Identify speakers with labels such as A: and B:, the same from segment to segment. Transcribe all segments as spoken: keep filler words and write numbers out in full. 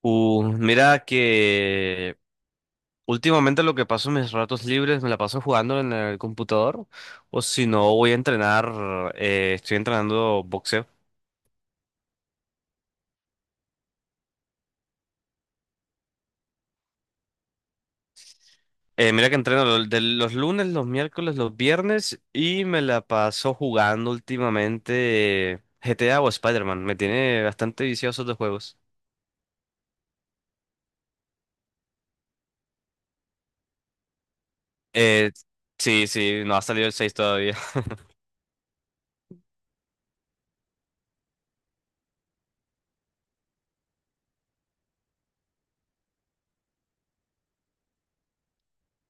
A: Uh, mira que últimamente lo que paso en mis ratos libres me la paso jugando en el computador o si no voy a entrenar, eh, estoy entrenando boxeo. Eh, mira que entreno lo- de los lunes, los miércoles, los viernes y me la paso jugando últimamente eh, G T A o Spider-Man. Me tiene bastante vicioso de juegos. Eh, sí, sí, no ha salido el seis todavía.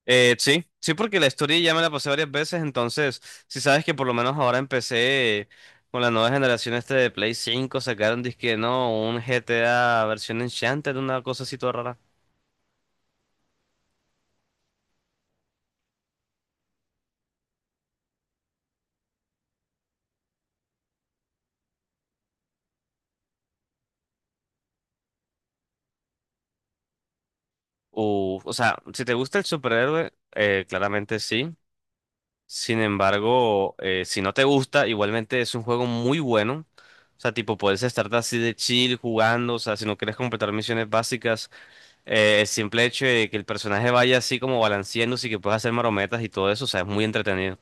A: Eh, sí, sí, porque la historia ya me la pasé varias veces, entonces, si sabes que por lo menos ahora empecé con la nueva generación este de Play cinco, sacaron disque, no, un G T A versión Enchanted, una cosa así toda rara. Uf, o sea, si te gusta el superhéroe, eh, claramente sí. Sin embargo, eh, si no te gusta, igualmente es un juego muy bueno. O sea, tipo, puedes estar así de chill jugando, o sea, si no quieres completar misiones básicas. Eh, el simple hecho de que el personaje vaya así como balanceándose y que puedas hacer marometas y todo eso, o sea, es muy entretenido.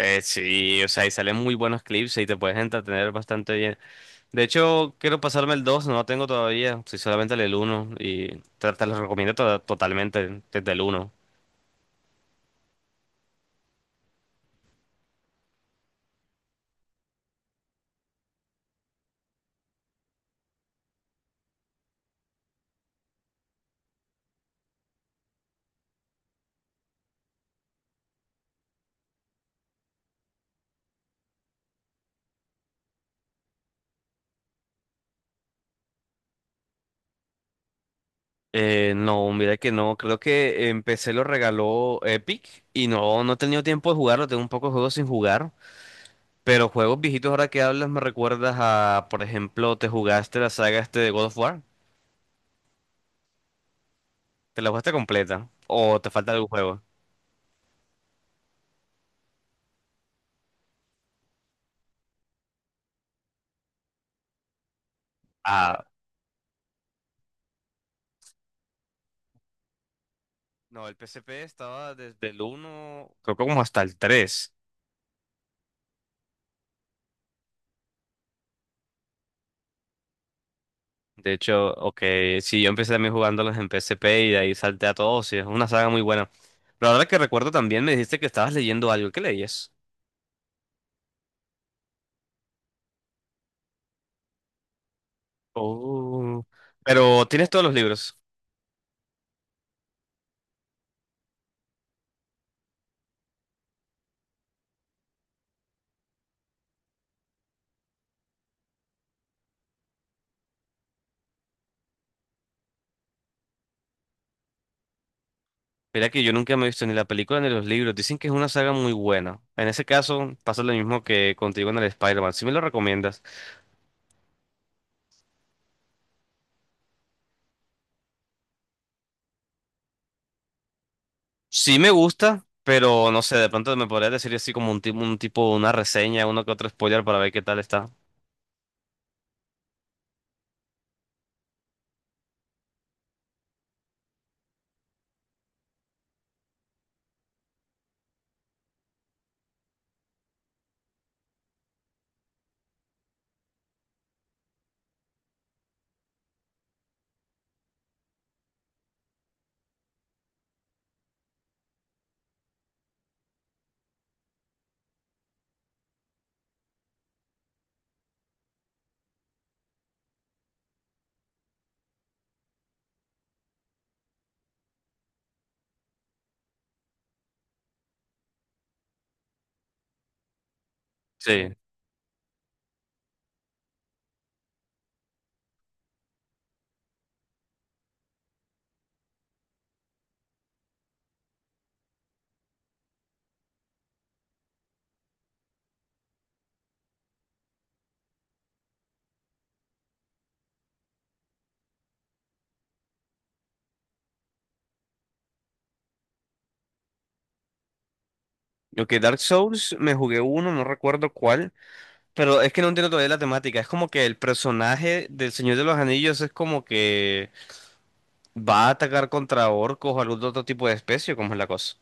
A: Eh, sí, o sea, y salen muy buenos clips y te puedes entretener bastante bien. De hecho, quiero pasarme el dos, no lo tengo todavía, soy solamente el uno y te, te lo recomiendo to- totalmente desde el uno. Eh, no, mira que no, creo que empecé lo regaló Epic y no, no he tenido tiempo de jugarlo, tengo un poco de juegos sin jugar. Pero juegos viejitos ahora que hablas me recuerdas a, por ejemplo, te jugaste la saga este de God of War. ¿Te la jugaste completa? ¿O te falta algún juego? Ah, no, el P S P estaba desde el uno, creo que como hasta el tres. De hecho, ok, sí, yo empecé también jugándolos en P S P y de ahí salté a todos y es una saga muy buena. Pero ahora que recuerdo también me dijiste que estabas leyendo algo. ¿Qué leías? Oh, pero tienes todos los libros. Mira que yo nunca me he visto ni la película ni los libros. Dicen que es una saga muy buena. En ese caso, pasa lo mismo que contigo en el Spider-Man. ¿Sí me lo recomiendas? Sí me gusta, pero no sé, de pronto me podrías decir así como un tipo, un tipo, una reseña, uno que otro spoiler para ver qué tal está. Sí. Ok, Dark Souls, me jugué uno, no recuerdo cuál, pero es que no entiendo todavía la temática. Es como que el personaje del Señor de los Anillos es como que va a atacar contra orcos o algún otro tipo de especie, ¿cómo es la cosa?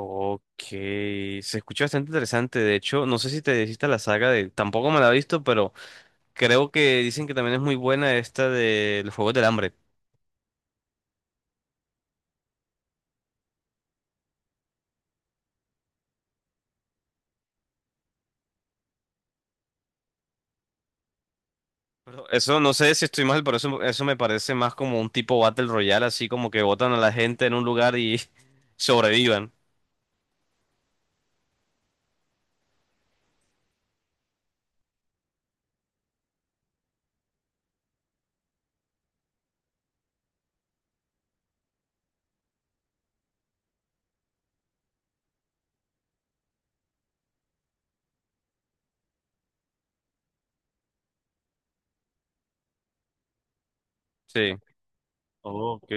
A: Ok, se escucha bastante interesante. De hecho, no sé si te hiciste la saga de... Tampoco me la he visto, pero creo que dicen que también es muy buena esta del Juego del Hambre. Pero eso no sé si estoy mal, pero eso, eso me parece más como un tipo Battle Royale, así como que botan a la gente en un lugar y sobrevivan. Sí. Ok.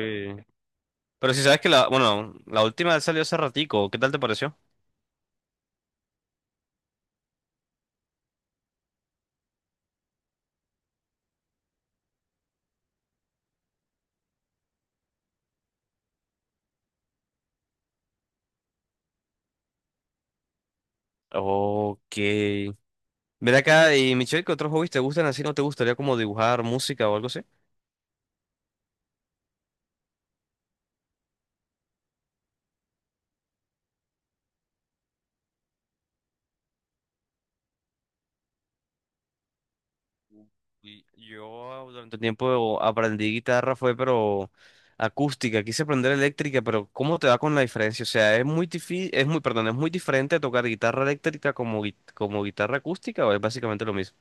A: Pero si sabes que la, bueno, la última salió hace ratico, ¿qué tal te pareció? Ok. Ven acá y Michelle, ¿qué otros hobbies te gustan así? ¿No te gustaría como dibujar música o algo así? Y yo durante un tiempo aprendí guitarra, fue pero acústica, quise aprender eléctrica, pero ¿cómo te va con la diferencia? O sea, es muy difí- es muy, perdón, es muy diferente tocar guitarra eléctrica como, gui- como guitarra acústica o es básicamente lo mismo.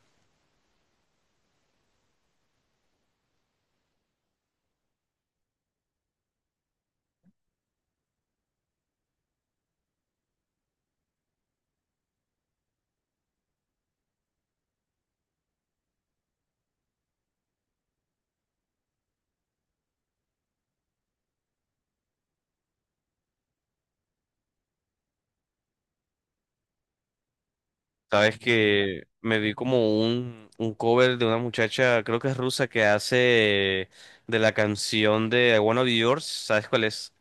A: Sabes que me vi como un, un cover de una muchacha, creo que es rusa, que hace de la canción de I Wanna Be Yours, ¿sabes cuál es?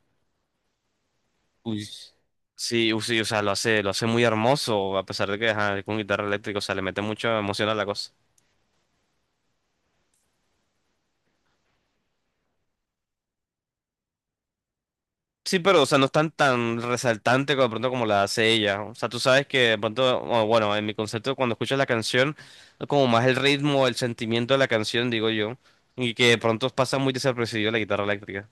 A: Uy. Sí, u- sí, o sea, lo hace, lo hace muy hermoso, a pesar de que ajá, es con guitarra eléctrica, o sea, le mete mucha emoción a la cosa. Sí, pero, o sea, no es tan, tan resaltante como, de pronto como la hace ella. O sea, tú sabes que de pronto, o bueno, en mi concepto, cuando escuchas la canción, es como más el ritmo, el sentimiento de la canción, digo yo, y que de pronto pasa muy desapercibido la guitarra eléctrica.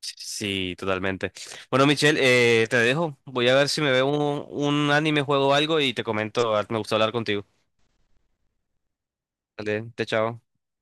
A: Sí, totalmente. Bueno, Michelle, eh, te dejo. Voy a ver si me veo un, un anime, juego algo y te comento. Me gustó hablar contigo. Vale, te chao.